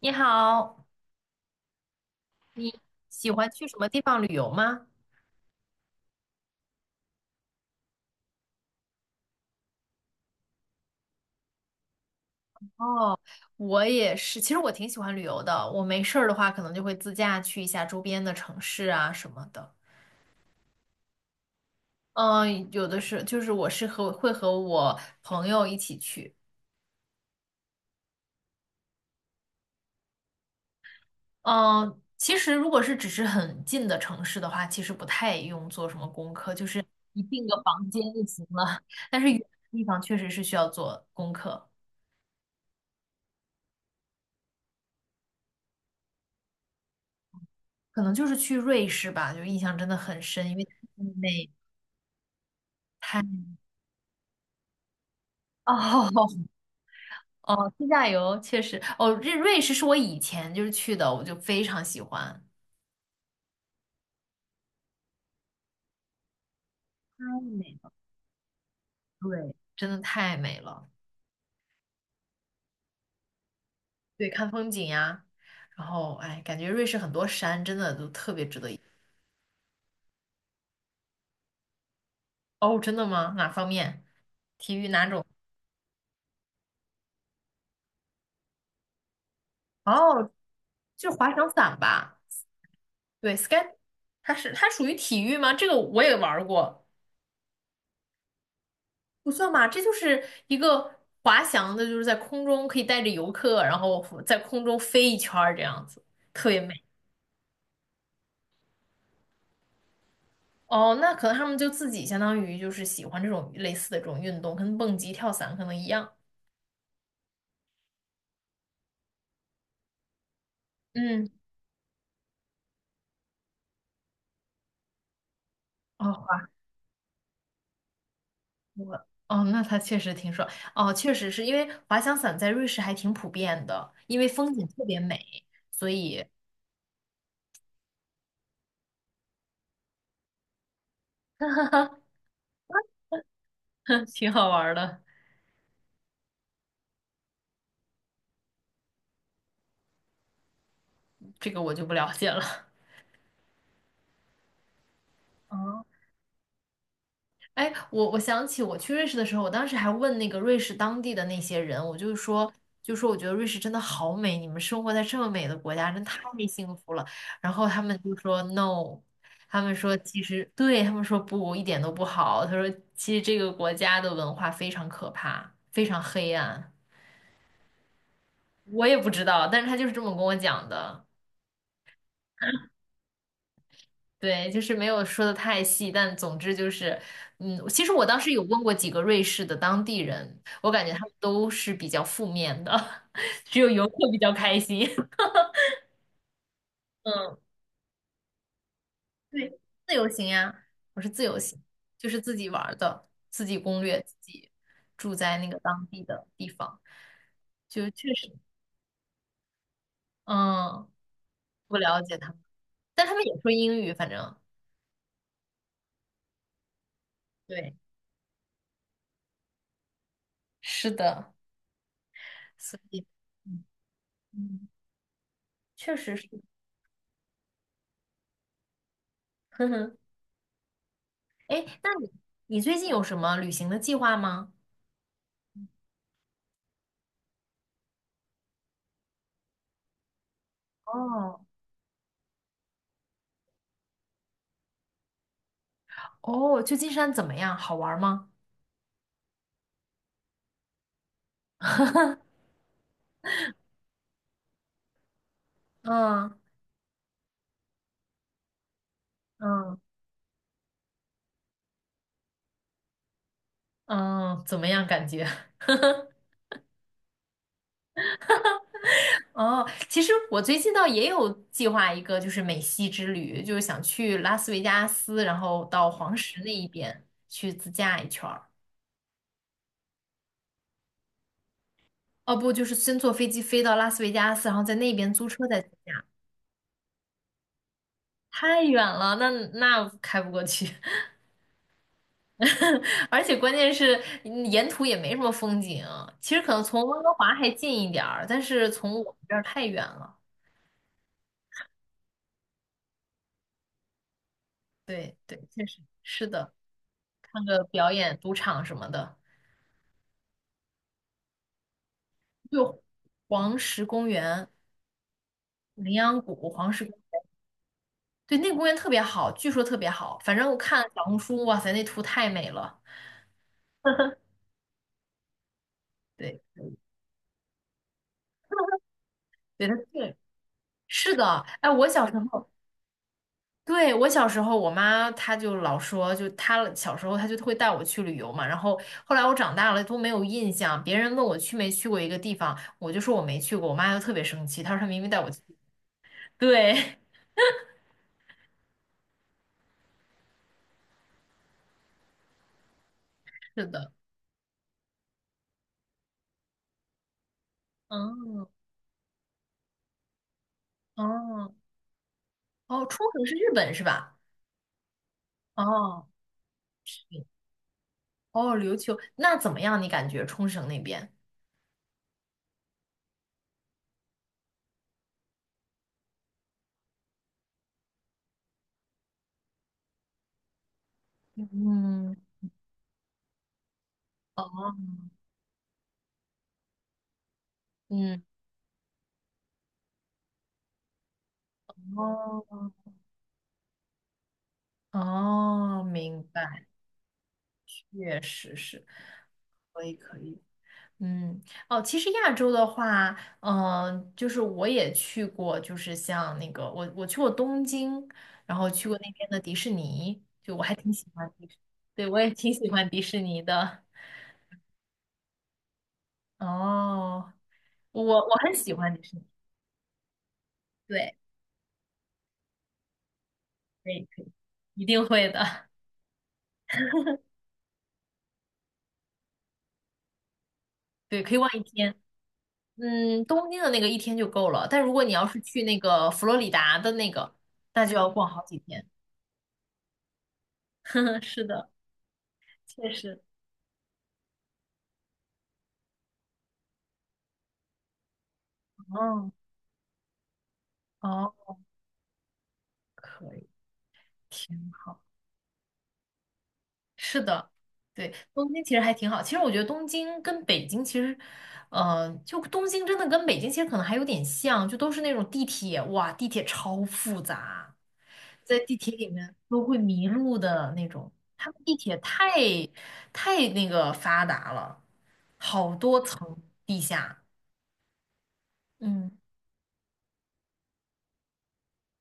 你好，你喜欢去什么地方旅游吗？我也是，其实我挺喜欢旅游的。我没事儿的话，可能就会自驾去一下周边的城市啊什么的。嗯，有的是，就是我是和会和我朋友一起去。嗯，其实如果是只是很近的城市的话，其实不太用做什么功课，就是你订个房间就行了。但是远的地方确实是需要做功课，可能就是去瑞士吧，就印象真的很深，因为太美。哦哦，自驾游确实，哦，瑞士是我以前就是去的，我就非常喜欢，太美了，对，真的太美了。对，看风景呀，然后哎，感觉瑞士很多山真的都特别值得一。哦，真的吗？哪方面？体育哪种？哦，就是滑翔伞吧？对，sky，它是它属于体育吗？这个我也玩儿过。不算吧，这就是一个滑翔的，就是在空中可以带着游客，然后在空中飞一圈儿这样子，特别美。哦，那可能他们就自己相当于就是喜欢这种类似的这种运动，跟蹦极、跳伞可能一样。嗯，哦，滑我哦，那它确实挺爽。哦，确实是因为滑翔伞在瑞士还挺普遍的，因为风景特别美，所以 挺好玩儿的。这个我就不了解了。哦哎，我想起我去瑞士的时候，我当时还问那个瑞士当地的那些人，我就是说，就说我觉得瑞士真的好美，你们生活在这么美的国家，真太幸福了。然后他们就说 no，他们说其实对，他们说不，一点都不好。他说其实这个国家的文化非常可怕，非常黑暗。我也不知道，但是他就是这么跟我讲的。对，就是没有说的太细，但总之就是，嗯，其实我当时有问过几个瑞士的当地人，我感觉他们都是比较负面的，只有游客比较开心。嗯，对，自由行呀，我是自由行，就是自己玩儿的，自己攻略，自己住在那个当地的地方，就确实，嗯，不了解他们，但他们也说英语，反正对，是的，所以，嗯，嗯确实是，呵呵。哎，那你最近有什么旅行的计划吗？哦哦，旧金山怎么样？好玩吗？嗯嗯嗯，怎么样感觉？哦，其实我最近倒也有计划一个，就是美西之旅，就是想去拉斯维加斯，然后到黄石那一边去自驾一圈儿。哦，不，就是先坐飞机飞到拉斯维加斯，然后在那边租车再自驾太远了，那开不过去。而且关键是沿途也没什么风景，其实可能从温哥华还近一点儿，但是从我们这儿太远了。对对，确实是的，看个表演、赌场什么的，就黄石公园、羚羊谷、黄石，对，那个公园特别好，据说特别好。反正我看小红书，哇塞，那图太美了。对对，它是是的，哎，我小时候。对，我小时候，我妈她就老说，就她小时候她就会带我去旅游嘛，然后后来我长大了都没有印象，别人问我去没去过一个地方，我就说我没去过，我妈就特别生气，她说她明明带我去。对，是的，嗯，哦，哦，冲绳是日本是吧？哦，哦，琉球，那怎么样？你感觉冲绳那边？嗯，哦，嗯，哦，哦，明白，确实是，可以，可以。嗯，哦，其实亚洲的话，嗯、就是我也去过，就是像那个我去过东京，然后去过那边的迪士尼，就我还挺喜欢迪士，对，我也挺喜欢迪士尼的。哦，我很喜欢迪士尼，对，可以可以，一定会的，对，可以玩一天。嗯，东京的那个一天就够了，但如果你要是去那个佛罗里达的那个，那就要逛好几天。是的，确实。哦哦，可以。挺好，是的，对，东京其实还挺好。其实我觉得东京跟北京其实，呃，就东京真的跟北京其实可能还有点像，就都是那种地铁，哇，地铁超复杂，在地铁里面都会迷路的那种。他们地铁太那个发达了，好多层地下。嗯，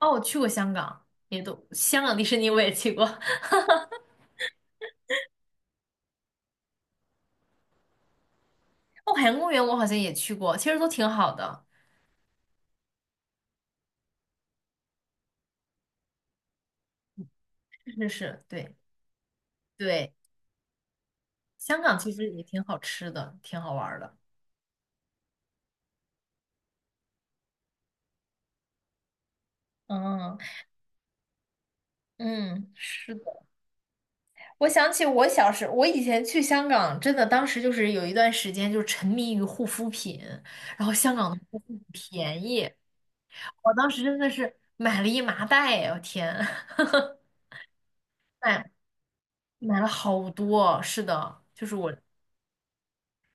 哦，我去过香港，也都香港迪士尼我也去过，哦，海洋公园我好像也去过，其实都挺好的。是是是，对。对，香港其实也挺好吃的，挺好玩儿的。嗯嗯，是的。我想起我小时，我以前去香港，真的当时就是有一段时间就沉迷于护肤品，然后香港的护肤品便宜，我当时真的是买了一麻袋啊，我天，买买了好多。是的，就是我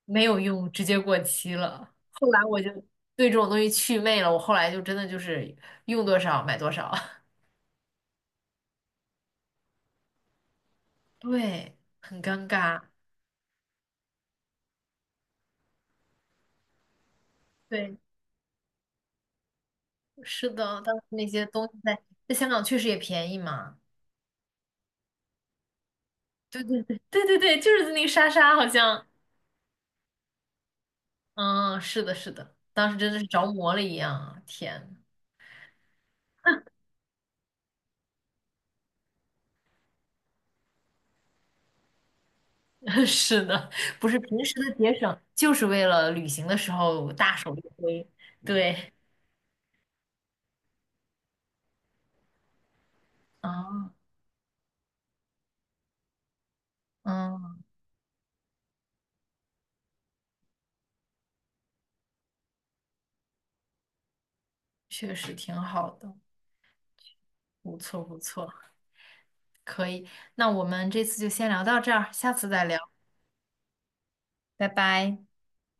没有用，直接过期了。后来我就对这种东西祛魅了，我后来就真的就是用多少买多少，对，很尴尬。对。是的，当时那些东西在香港确实也便宜嘛。对对对对对对，就是那个莎莎好像，嗯，是的，是的，当时真的是着魔了一样啊天，是的，不是平时的节省，就是为了旅行的时候大手一挥。对，啊，嗯，确实挺好的，不错不错，可以。那我们这次就先聊到这儿，下次再聊，拜拜。